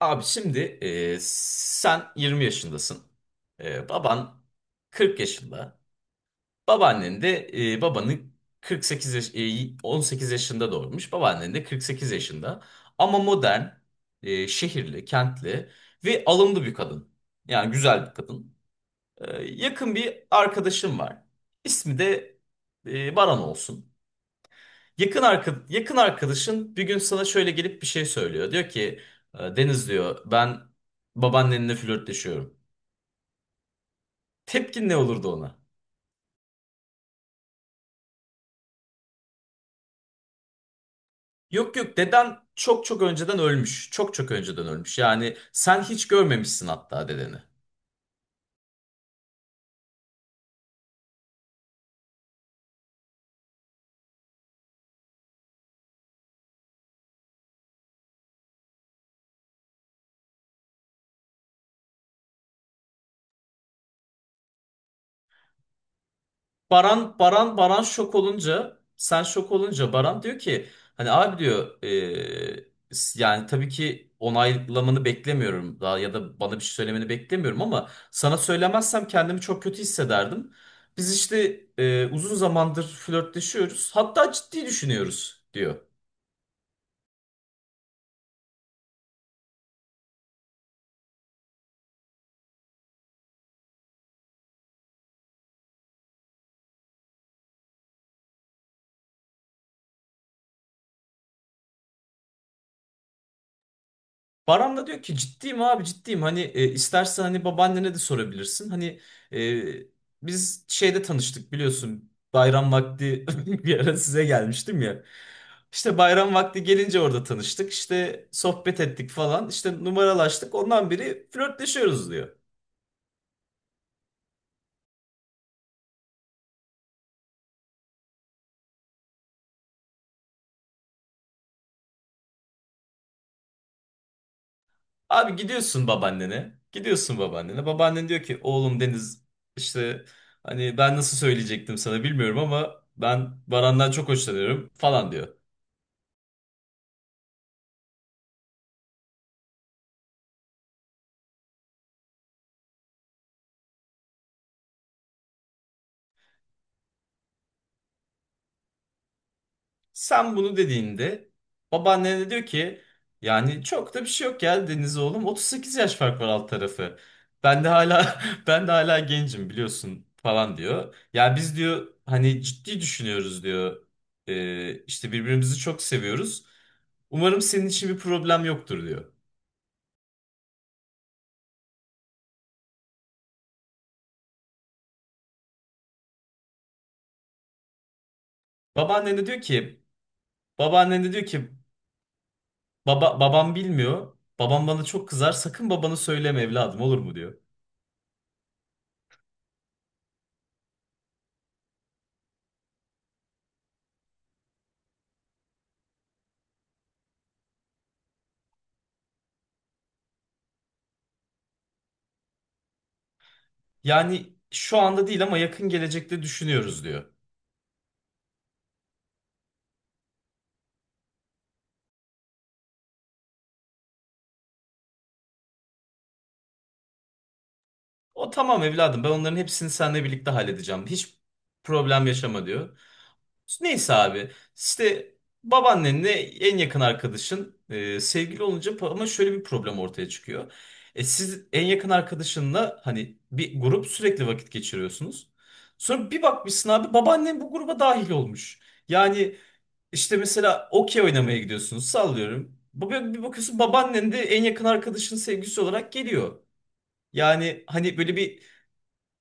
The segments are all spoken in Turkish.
Abi şimdi sen 20 yaşındasın. Baban 40 yaşında. Babaannen de babanı 18 yaşında doğurmuş. Babaannen de 48 yaşında. Ama modern, şehirli, kentli ve alımlı bir kadın. Yani güzel bir kadın. Yakın bir arkadaşım var. İsmi de Baran olsun. Yakın arkadaşın bir gün sana şöyle gelip bir şey söylüyor. Diyor ki Deniz diyor ben babaannenle flörtleşiyorum." Tepkin ne olurdu ona? Yok yok deden çok çok önceden ölmüş. Çok çok önceden ölmüş. Yani sen hiç görmemişsin hatta dedeni. Baran şok olunca sen şok olunca Baran diyor ki hani abi diyor yani tabii ki onaylamanı beklemiyorum daha ya da bana bir şey söylemeni beklemiyorum ama sana söylemezsem kendimi çok kötü hissederdim. Biz işte uzun zamandır flörtleşiyoruz hatta ciddi düşünüyoruz diyor. Baran da diyor ki ciddiyim abi ciddiyim hani istersen hani babaannene de sorabilirsin. Hani e, biz şeyde tanıştık biliyorsun bayram vakti bir ara size gelmiştim ya. İşte bayram vakti gelince orada tanıştık işte sohbet ettik falan işte numaralaştık ondan biri flörtleşiyoruz diyor. Abi gidiyorsun babaannene babaannen diyor ki oğlum Deniz işte hani ben nasıl söyleyecektim sana bilmiyorum ama ben Baran'dan çok hoşlanıyorum falan diyor. Sen bunu dediğinde babaanne de diyor ki yani çok da bir şey yok ya Deniz oğlum 38 yaş fark var alt tarafı. Ben de hala ben de hala gencim biliyorsun falan diyor. Ya biz diyor hani ciddi düşünüyoruz diyor. İşte birbirimizi çok seviyoruz. Umarım senin için bir problem yoktur diyor. Babaannen de diyor ki babaannen de diyor ki babam bilmiyor. Babam bana çok kızar. Sakın babana söyleme evladım olur mu diyor. Yani şu anda değil ama yakın gelecekte düşünüyoruz diyor. O tamam evladım ben onların hepsini seninle birlikte halledeceğim. Hiç problem yaşama diyor. Neyse abi işte babaannenle en yakın arkadaşın sevgili olunca ama şöyle bir problem ortaya çıkıyor. Siz en yakın arkadaşınla hani bir grup sürekli vakit geçiriyorsunuz. Sonra bir bakmışsın abi babaannen bu gruba dahil olmuş. Yani. İşte mesela okey oynamaya gidiyorsunuz sallıyorum. Bugün bir bakıyorsun babaannen de en yakın arkadaşının sevgilisi olarak geliyor. Yani hani böyle bir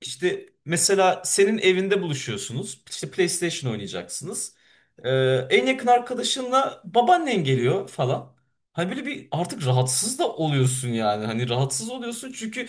işte mesela senin evinde buluşuyorsunuz. İşte PlayStation oynayacaksınız. Ee, en yakın arkadaşınla babaannen geliyor falan. Hani böyle bir artık rahatsız da oluyorsun yani. Hani rahatsız oluyorsun çünkü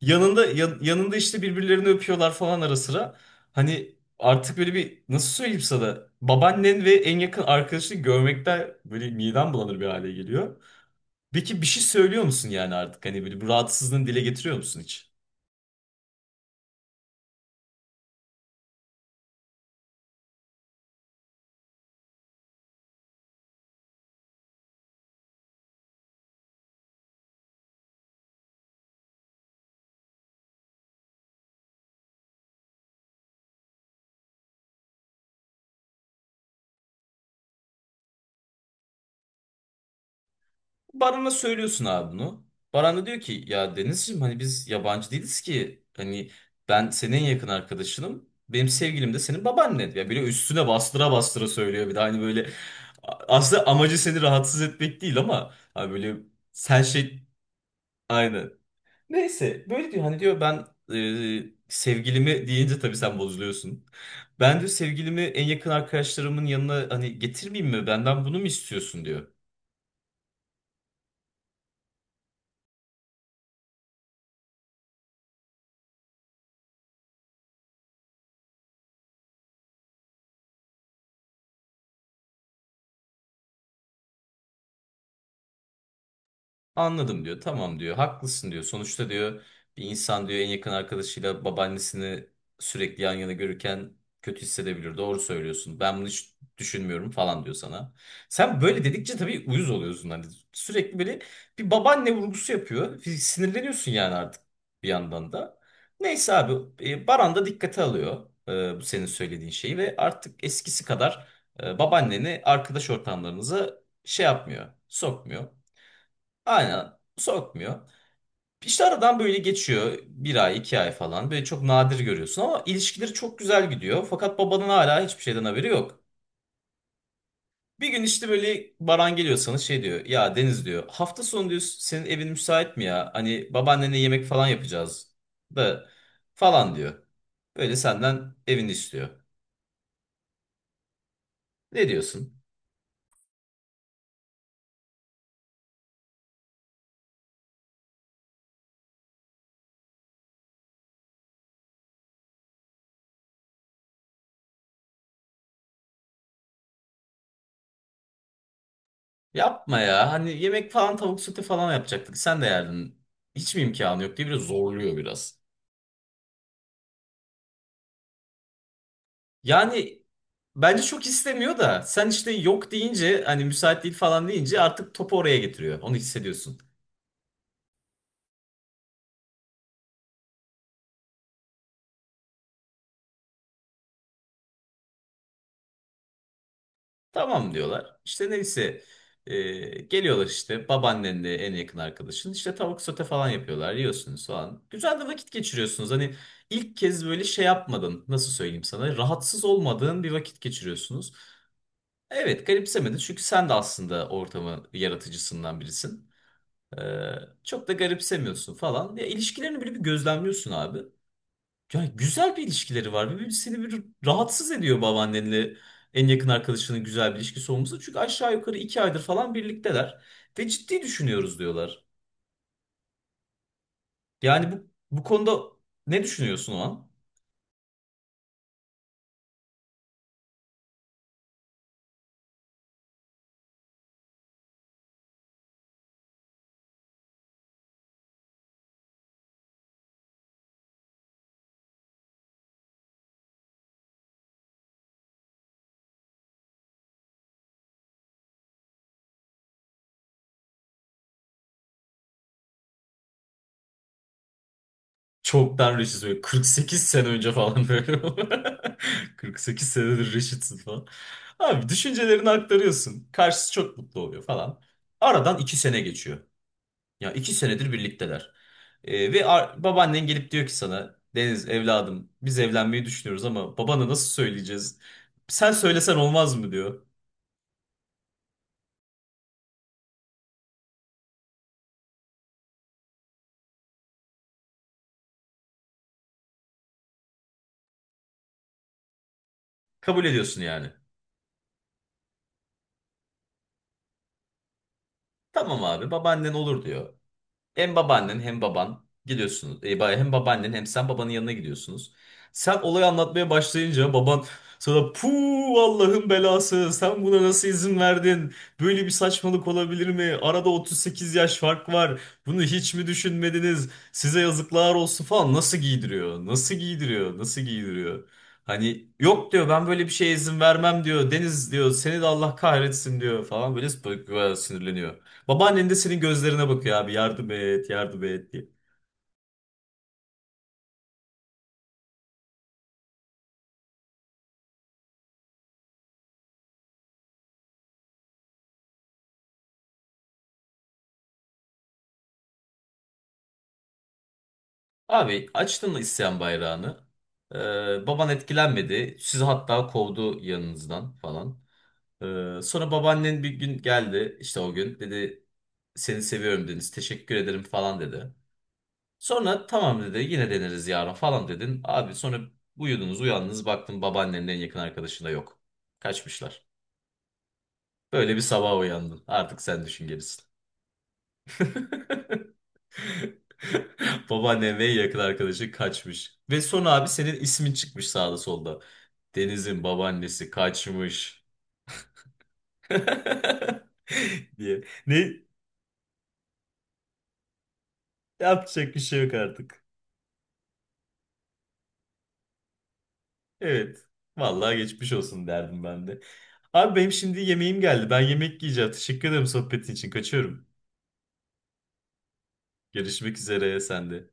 yanında yanında işte birbirlerini öpüyorlar falan ara sıra. Hani artık böyle bir nasıl söyleyeyim sana babaannen ve en yakın arkadaşını görmekten böyle midem bulanır bir hale geliyor. Peki bir şey söylüyor musun yani artık? Hani böyle bu rahatsızlığını dile getiriyor musun hiç? Baran'a söylüyorsun abi bunu. Baran da diyor ki ya Denizciğim hani biz yabancı değiliz ki. Hani ben senin en yakın arkadaşınım. Benim sevgilim de senin babaannen. Ya böyle üstüne bastıra bastıra söylüyor bir de hani böyle. Aslında amacı seni rahatsız etmek değil ama hani böyle sen şey aynen. Neyse böyle diyor hani diyor ben sevgilimi deyince tabii sen bozuluyorsun. Ben diyor sevgilimi en yakın arkadaşlarımın yanına hani getirmeyeyim mi? Benden bunu mu istiyorsun diyor. Anladım diyor. Tamam diyor. Haklısın diyor. Sonuçta diyor bir insan diyor en yakın arkadaşıyla babaannesini sürekli yan yana görürken kötü hissedebilir. Doğru söylüyorsun. Ben bunu hiç düşünmüyorum falan diyor sana. Sen böyle dedikçe tabii uyuz oluyorsun. Hani sürekli böyle bir babaanne vurgusu yapıyor. Sinirleniyorsun yani artık bir yandan da. Neyse abi Baran da dikkate alıyor bu senin söylediğin şeyi ve artık eskisi kadar babaanneni arkadaş ortamlarınıza şey yapmıyor, sokmuyor. Aynen sokmuyor. İşte aradan böyle geçiyor bir ay iki ay falan böyle çok nadir görüyorsun ama ilişkileri çok güzel gidiyor. Fakat babanın hala hiçbir şeyden haberi yok. Bir gün işte böyle Baran geliyor sana şey diyor ya Deniz diyor hafta sonu diyor senin evin müsait mi ya? Hani babaannenle yemek falan yapacağız da falan diyor. Böyle senden evini istiyor. Ne diyorsun? Yapma ya hani yemek falan tavuk sote falan yapacaktık sen de yerdin. Hiç mi imkanı yok diye biraz zorluyor biraz. Yani bence çok istemiyor da sen işte yok deyince hani müsait değil falan deyince artık topu oraya getiriyor. Onu hissediyorsun. Tamam diyorlar. İşte neyse e, geliyorlar işte babaannenle en yakın arkadaşın işte tavuk sote falan yapıyorlar yiyorsunuz falan. Güzel de vakit geçiriyorsunuz. Hani ilk kez böyle şey yapmadın nasıl söyleyeyim sana rahatsız olmadığın bir vakit geçiriyorsunuz. Evet garipsemedin çünkü sen de aslında ortamı yaratıcısından birisin. Ee, çok da garipsemiyorsun falan. Ya ilişkilerini böyle bir gözlemliyorsun abi. Yani güzel bir ilişkileri var. Ve seni bir rahatsız ediyor babaannenle en yakın arkadaşının güzel bir ilişkisi olması. Çünkü aşağı yukarı 2 aydır falan birlikteler. Ve ciddi düşünüyoruz diyorlar. Yani bu konuda ne düşünüyorsun o an? Çoktan reşit böyle 48 sene önce falan böyle. 48 senedir reşitsin falan. Abi düşüncelerini aktarıyorsun. Karşısı çok mutlu oluyor falan. Aradan 2 sene geçiyor. Ya 2 senedir birlikteler. Ve babaannen gelip diyor ki sana Deniz evladım biz evlenmeyi düşünüyoruz ama babana nasıl söyleyeceğiz? Sen söylesen olmaz mı diyor. Kabul ediyorsun yani. Tamam abi babaannen olur diyor. Hem babaannen hem baban gidiyorsunuz. Hem babaannen hem sen babanın yanına gidiyorsunuz. Sen olayı anlatmaya başlayınca baban sana puh Allah'ın belası sen buna nasıl izin verdin? Böyle bir saçmalık olabilir mi? Arada 38 yaş fark var. Bunu hiç mi düşünmediniz? Size yazıklar olsun falan. Nasıl giydiriyor? Nasıl giydiriyor? Nasıl giydiriyor? Hani yok diyor ben böyle bir şeye izin vermem diyor. Deniz diyor seni de Allah kahretsin diyor falan böyle böyle sinirleniyor. Babaannen de senin gözlerine bakıyor abi yardım et yardım et diye. Abi açtın mı isyan bayrağını. Baban etkilenmedi. Sizi hatta kovdu yanınızdan falan. Sonra babaannen bir gün geldi işte o gün dedi seni seviyorum Deniz teşekkür ederim falan dedi. Sonra tamam dedi yine deneriz yarın falan dedin. Abi sonra uyudunuz uyandınız baktın babaannenin en yakın arkadaşında yok. Kaçmışlar. Böyle bir sabah uyandın artık sen düşün gerisini. Babaannem ve yakın arkadaşı kaçmış. Ve sonra abi senin ismin çıkmış sağda solda. Deniz'in babaannesi kaçmış. diye. Ne yapacak bir şey yok artık. Evet. Vallahi geçmiş olsun derdim ben de. Abi benim şimdi yemeğim geldi. Ben yemek yiyeceğim. Teşekkür ederim sohbetin için. Kaçıyorum. Görüşmek üzere sen de.